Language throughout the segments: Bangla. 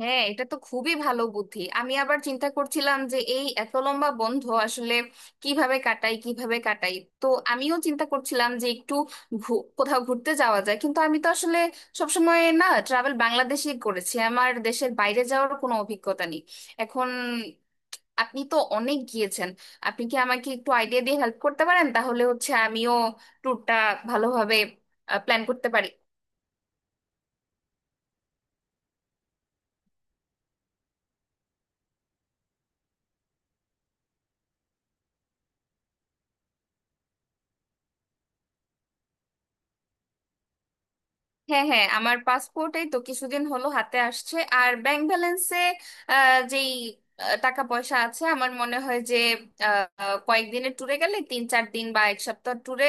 হ্যাঁ, এটা তো খুবই ভালো বুদ্ধি। আমি আবার চিন্তা করছিলাম যে এই এত লম্বা বন্ধ আসলে কিভাবে কাটাই কিভাবে কাটাই। তো আমিও চিন্তা করছিলাম যে একটু কোথাও ঘুরতে যাওয়া যায়, কিন্তু আমি তো আসলে সবসময় না ট্রাভেল বাংলাদেশেই করেছি। আমার দেশের বাইরে যাওয়ার কোনো অভিজ্ঞতা নেই। এখন আপনি তো অনেক গিয়েছেন। আপনি কি আমাকে একটু আইডিয়া দিয়ে হেল্প করতে পারেন, তাহলে হচ্ছে আমিও ট্যুরটা ভালোভাবে প্ল্যান করতে পারি? হ্যাঁ, হ্যাঁ, আমার পাসপোর্টেই তো কিছুদিন হলো হাতে আসছে। আর ব্যাংক ব্যালেন্সে যেই টাকা পয়সা আছে, আমার মনে হয় যে কয়েকদিনের ট্যুরে গেলে 3-4 দিন বা এক সপ্তাহ ট্যুরে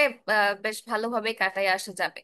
বেশ ভালোভাবে কাটায় আসা যাবে।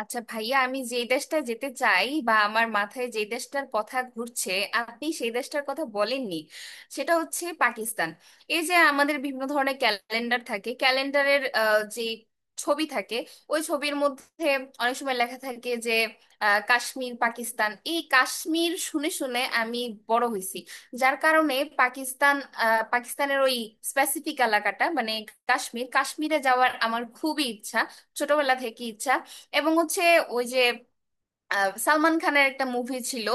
আচ্ছা ভাইয়া, আমি যে দেশটা যেতে চাই বা আমার মাথায় যে দেশটার কথা ঘুরছে, আপনি সেই দেশটার কথা বলেননি। সেটা হচ্ছে পাকিস্তান। এই যে আমাদের বিভিন্ন ধরনের ক্যালেন্ডার থাকে, ক্যালেন্ডারের যে ছবি থাকে, ওই ছবির মধ্যে অনেক সময় লেখা থাকে যে কাশ্মীর পাকিস্তান। এই কাশ্মীর শুনে শুনে আমি বড় হয়েছি। যার কারণে পাকিস্তান, পাকিস্তানের ওই স্পেসিফিক এলাকাটা মানে কাশ্মীর, কাশ্মীরে যাওয়ার আমার খুবই ইচ্ছা, ছোটবেলা থেকে ইচ্ছা। এবং হচ্ছে ওই যে সালমান খানের একটা মুভি ছিল,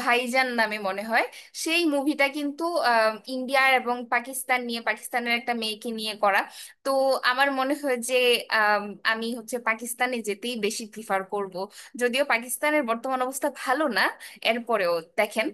ভাইজান নামে মনে হয়। সেই মুভিটা কিন্তু ইন্ডিয়া এবং পাকিস্তান নিয়ে, পাকিস্তানের একটা মেয়েকে নিয়ে করা। তো আমার মনে হয় যে আম, আমি হচ্ছে পাকিস্তানে যেতেই বেশি প্রিফার করব। যদিও পাকিস্তানের বর্তমান অবস্থা ভালো না, এরপরেও দেখেন।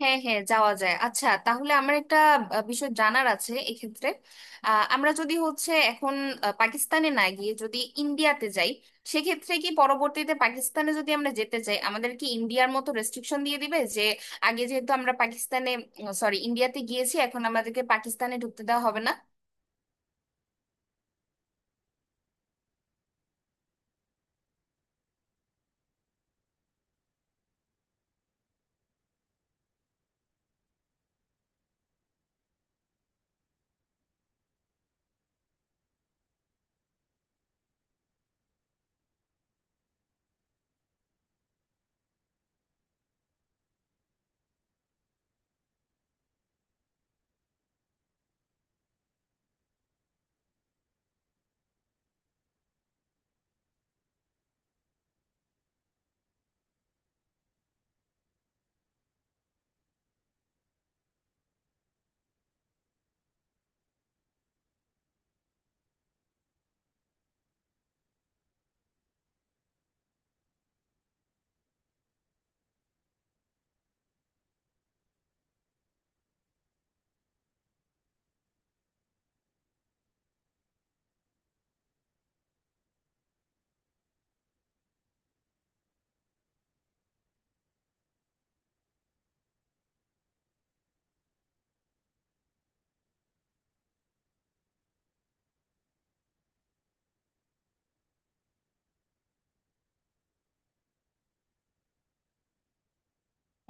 হ্যাঁ, হ্যাঁ, যাওয়া যায়। আচ্ছা তাহলে আমার একটা বিষয় জানার আছে এক্ষেত্রে। আমরা যদি হচ্ছে এখন পাকিস্তানে না গিয়ে যদি ইন্ডিয়াতে যাই, সেক্ষেত্রে কি পরবর্তীতে পাকিস্তানে যদি আমরা যেতে চাই, আমাদের কি ইন্ডিয়ার মতো রেস্ট্রিকশন দিয়ে দিবে যে আগে যেহেতু আমরা পাকিস্তানে, সরি, ইন্ডিয়াতে গিয়েছি, এখন আমাদেরকে পাকিস্তানে ঢুকতে দেওয়া হবে না?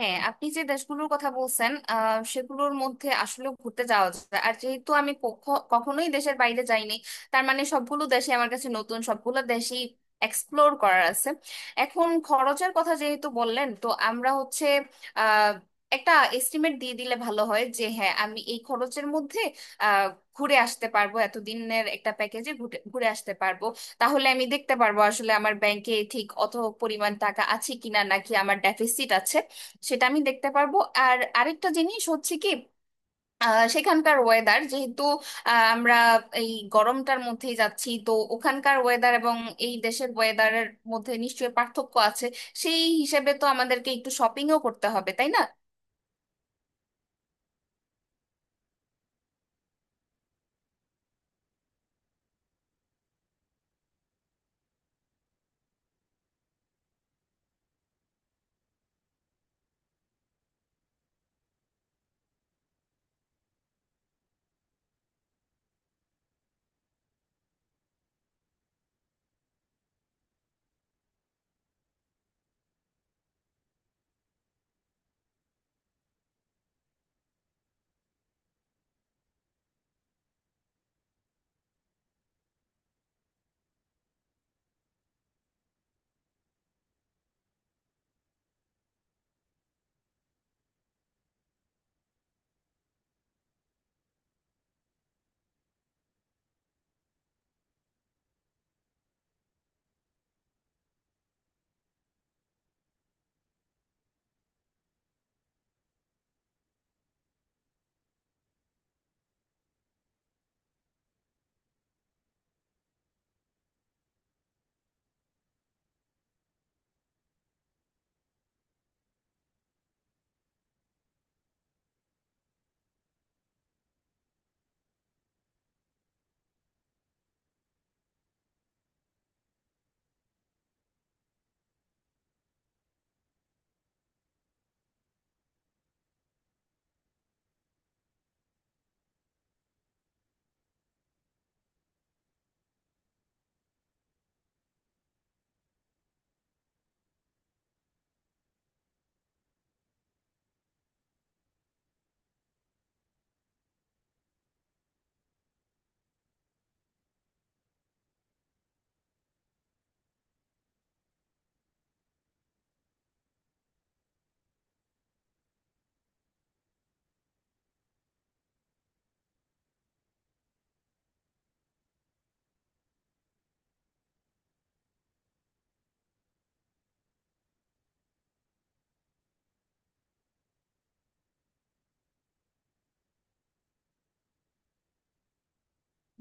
হ্যাঁ, আপনি যে দেশগুলোর কথা বলছেন সেগুলোর মধ্যে আসলে ঘুরতে যাওয়া যায়। আর যেহেতু আমি কখনোই দেশের বাইরে যাইনি, তার মানে সবগুলো দেশে আমার কাছে নতুন, সবগুলো দেশই এক্সপ্লোর করার আছে। এখন খরচের কথা যেহেতু বললেন, তো আমরা হচ্ছে আহ একটা এস্টিমেট দিয়ে দিলে ভালো হয় যে হ্যাঁ, আমি এই খরচের মধ্যে আহ ঘুরে আসতে পারবো, এতদিনের একটা প্যাকেজে ঘুরে ঘুরে আসতে পারবো। তাহলে আমি দেখতে পারবো আসলে আমার ব্যাংকে ঠিক অত পরিমাণ টাকা আছে কিনা নাকি আমার ডেফিসিট আছে, সেটা আমি দেখতে পারবো। আর আরেকটা জিনিস হচ্ছে কি, সেখানকার ওয়েদার যেহেতু, আমরা এই গরমটার মধ্যেই যাচ্ছি, তো ওখানকার ওয়েদার এবং এই দেশের ওয়েদারের মধ্যে নিশ্চয়ই পার্থক্য আছে। সেই হিসেবে তো আমাদেরকে একটু শপিংও করতে হবে, তাই না?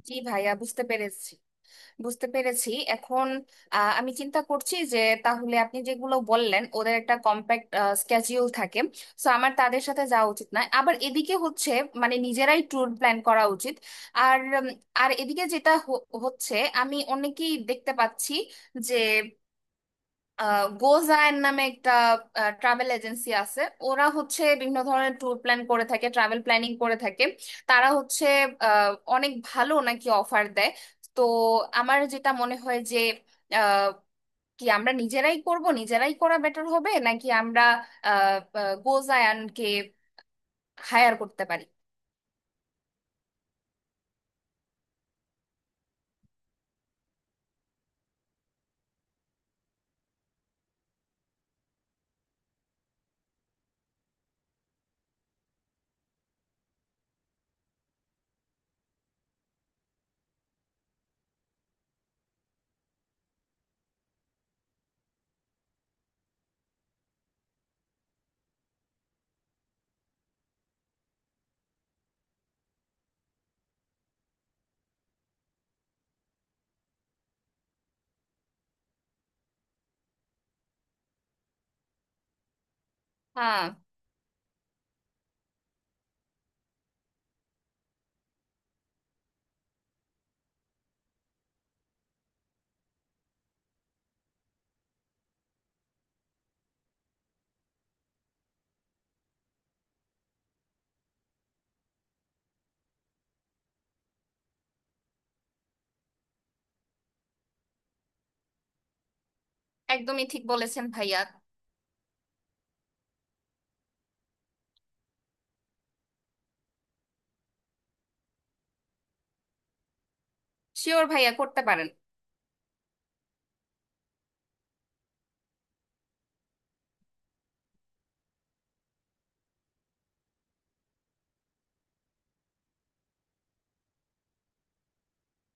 জি ভাইয়া, বুঝতে পেরেছি, বুঝতে পেরেছি। এখন আমি চিন্তা করছি যে তাহলে আপনি যেগুলো বললেন, ওদের একটা কম্প্যাক্ট স্কেজিউল থাকে, সো আমার তাদের সাথে যাওয়া উচিত নয়। আবার এদিকে হচ্ছে মানে নিজেরাই ট্যুর প্ল্যান করা উচিত। আর আর এদিকে যেটা হচ্ছে, আমি অনেকেই দেখতে পাচ্ছি যে গোজায়ন নামে একটা ট্রাভেল এজেন্সি আছে। ওরা হচ্ছে বিভিন্ন ধরনের ট্যুর প্ল্যান করে থাকে, ট্রাভেল প্ল্যানিং করে থাকে। তারা হচ্ছে আহ, অনেক ভালো নাকি অফার দেয়। তো আমার যেটা মনে হয় যে আহ, কি আমরা নিজেরাই করব, নিজেরাই করা বেটার হবে, নাকি আমরা গোজায়ানকে হায়ার করতে পারি? হ্যাঁ, একদমই ঠিক বলেছেন ভাইয়া। শিওর ভাইয়া, করতে পারেন।